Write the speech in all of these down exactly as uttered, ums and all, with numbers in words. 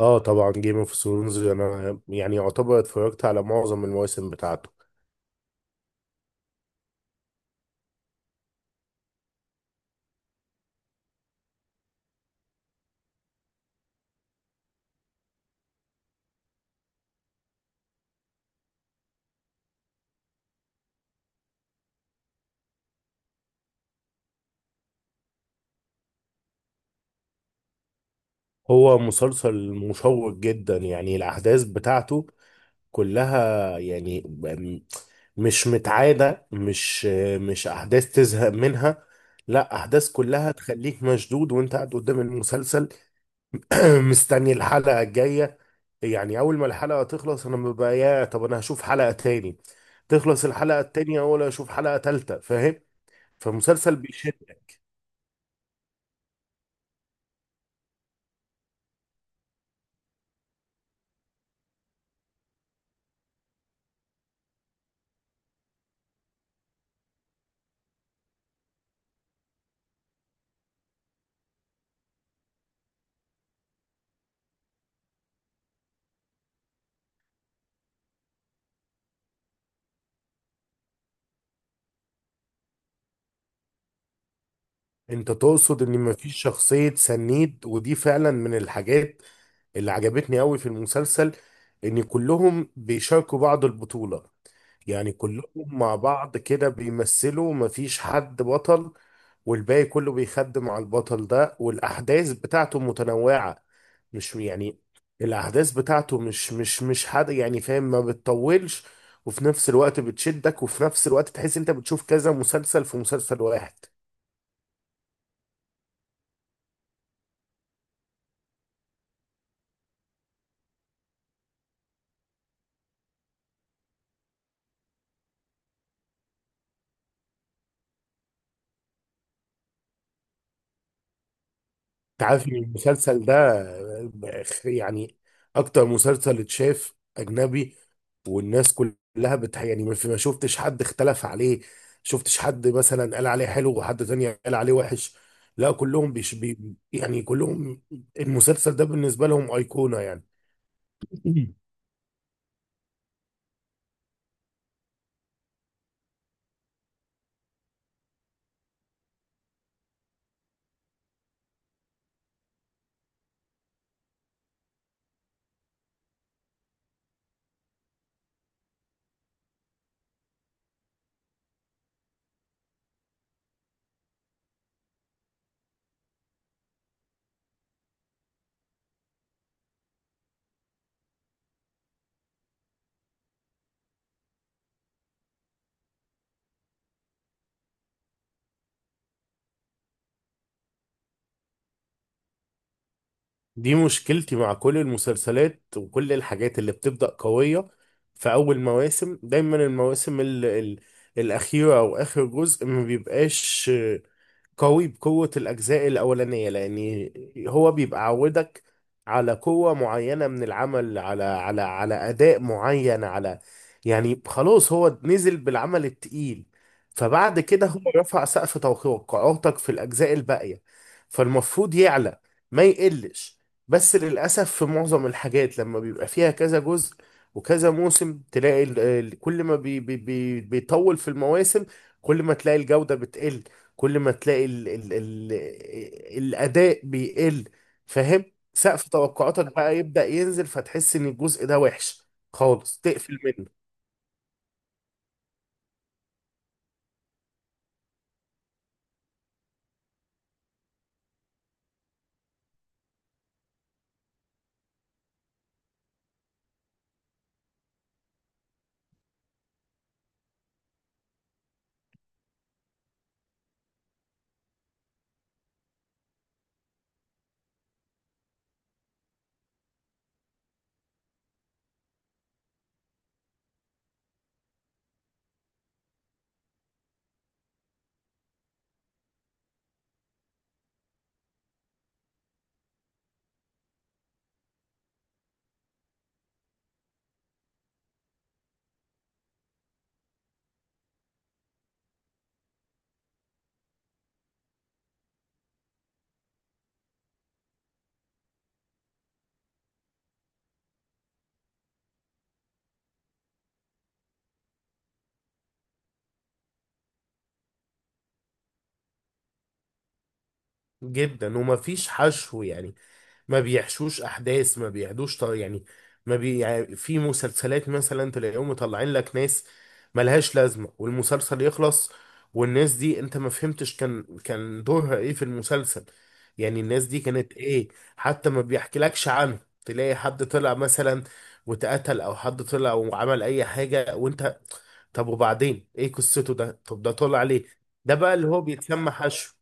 اه طبعا جيم اوف ثرونز انا يعني يعتبر اتفرجت على معظم المواسم بتاعته. هو مسلسل مشوق جدا، يعني الاحداث بتاعته كلها يعني م- مش متعادة، مش مش احداث تزهق منها، لا احداث كلها تخليك مشدود وانت قاعد قدام المسلسل. مستني الحلقة الجاية، يعني اول ما الحلقة تخلص انا ببقى يا طب انا هشوف حلقة تاني، تخلص الحلقة التانية ولا اشوف حلقة تالتة، فاهم؟ فمسلسل، انت تقصد ان مفيش شخصية سنيد، ودي فعلا من الحاجات اللي عجبتني قوي في المسلسل، ان كلهم بيشاركوا بعض البطولة. يعني كلهم مع بعض كده بيمثلوا، مفيش حد بطل والباقي كله بيخدم على البطل ده، والاحداث بتاعته متنوعة، مش يعني الاحداث بتاعته مش مش مش حد يعني فاهم، ما بتطولش وفي نفس الوقت بتشدك، وفي نفس الوقت تحس انت بتشوف كذا مسلسل في مسلسل واحد. انت عارف ان المسلسل ده يعني اكتر مسلسل اتشاف اجنبي، والناس كلها بتح يعني ما في- ما شفتش حد اختلف عليه، شفتش حد مثلا قال عليه حلو وحد تاني قال عليه وحش، لا كلهم بيش بي يعني كلهم المسلسل ده بالنسبة لهم أيقونة يعني. دي مشكلتي مع كل المسلسلات وكل الحاجات اللي بتبدأ قوية في أول مواسم، دايما المواسم ال ال الأخيرة أو آخر جزء ما بيبقاش قوي بقوة الأجزاء الأولانية، لأن هو بيبقى عودك على قوة معينة من العمل، على على على أداء معين، على يعني خلاص هو نزل بالعمل التقيل، فبعد كده هو رفع سقف توقعاتك في الأجزاء الباقية، فالمفروض يعلى ما يقلش. بس للأسف في معظم الحاجات لما بيبقى فيها كذا جزء وكذا موسم، تلاقي ال- ال- كل ما بي بي بي بيطول في المواسم كل ما تلاقي الجودة بتقل، كل ما تلاقي ال ال ال الأداء بيقل، فاهم؟ سقف توقعاتك بقى يبدأ ينزل فتحس إن الجزء ده وحش خالص، تقفل منه. جدا ومفيش حشو، يعني ما بيحشوش احداث، ما بيعدوش طر يعني، ما بي يعني، في مسلسلات مثلا تلاقيهم مطلعين لك ناس ملهاش لازمه، والمسلسل يخلص والناس دي انت ما فهمتش كان كان دورها ايه في المسلسل، يعني الناس دي كانت ايه، حتى ما بيحكيلكش عنه. تلاقي حد طلع مثلا واتقتل، او حد طلع وعمل اي حاجه وانت طب وبعدين ايه قصته ده، طب ده طلع ليه؟ ده بقى اللي هو بيتسمى حشو.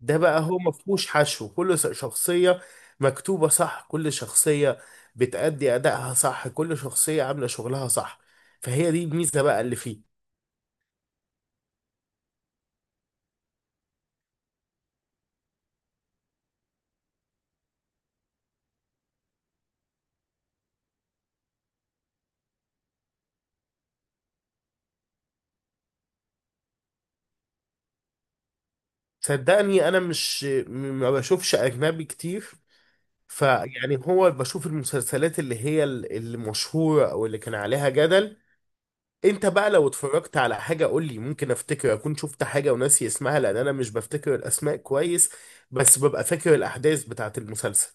ده بقى هو ما فيهوش حشو، كل س- شخصية مكتوبة صح، كل شخصية بتأدي أدائها صح، كل شخصية عاملة شغلها صح، فهي دي الميزة بقى اللي فيه. صدقني أنا مش م- ما بشوفش أجنبي كتير، فيعني هو بشوف المسلسلات اللي هي ال- المشهورة أو اللي كان عليها جدل. أنت بقى لو اتفرجت على حاجة قول لي، ممكن أفتكر أكون شفت حاجة وناسي اسمها، لأن أنا مش بفتكر الأسماء كويس، بس ببقى فاكر الأحداث بتاعت المسلسل.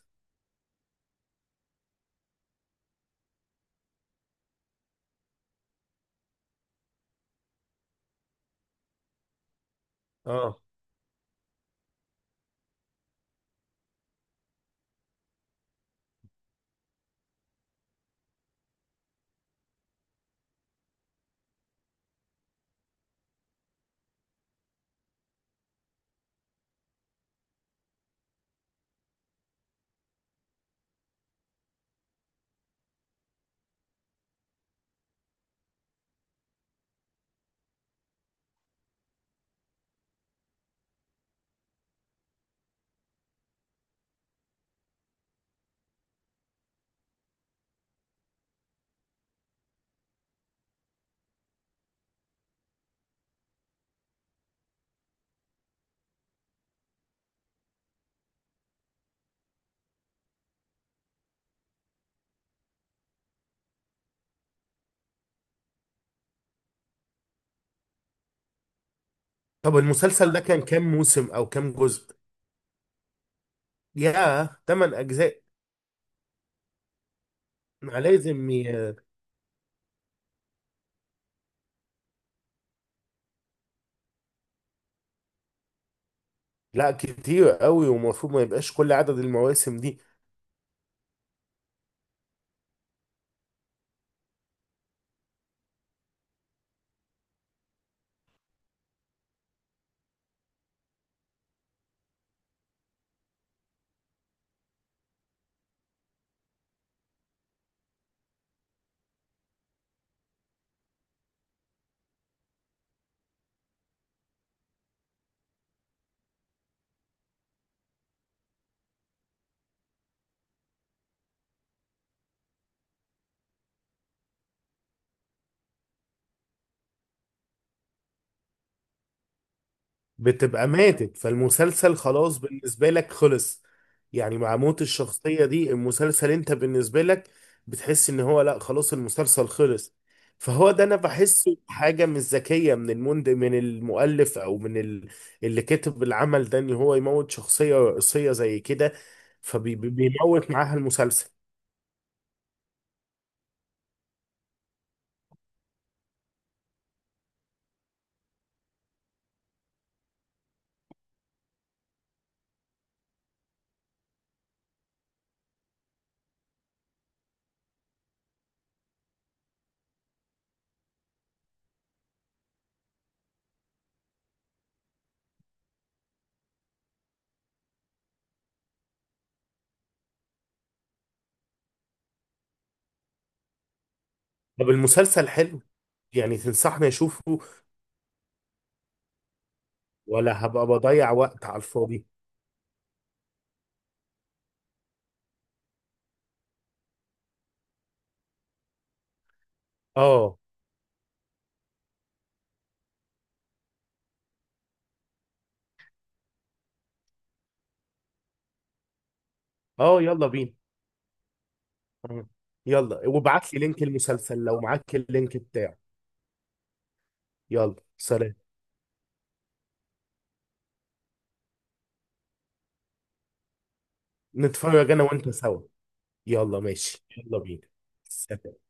اه، طب المسلسل ده كان كام موسم او كام جزء؟ ياه، تمن اجزاء. ما لازم ي... لا كتير قوي، ومفروض ما يبقاش كل عدد المواسم دي. بتبقى ماتت، فالمسلسل خلاص بالنسبة لك خلص، يعني مع موت الشخصية دي المسلسل انت بالنسبة لك بتحس ان هو لا، خلاص المسلسل خلص. فهو ده انا بحسه حاجة مش ذكية من المند من المؤلف او من ال... اللي كتب العمل ده، ان هو يموت شخصية رئيسية زي كده فبيموت معاها المسلسل. طب المسلسل حلو؟ يعني تنصحني اشوفه ولا هبقى بضيع وقت على الفاضي؟ اه، اه، يلا بينا. آه. يلا وابعت لي لينك المسلسل لو معاك اللينك بتاعه. يلا سلام. نتفرج انا وانت سوا. يلا ماشي، يلا بينا. سلام.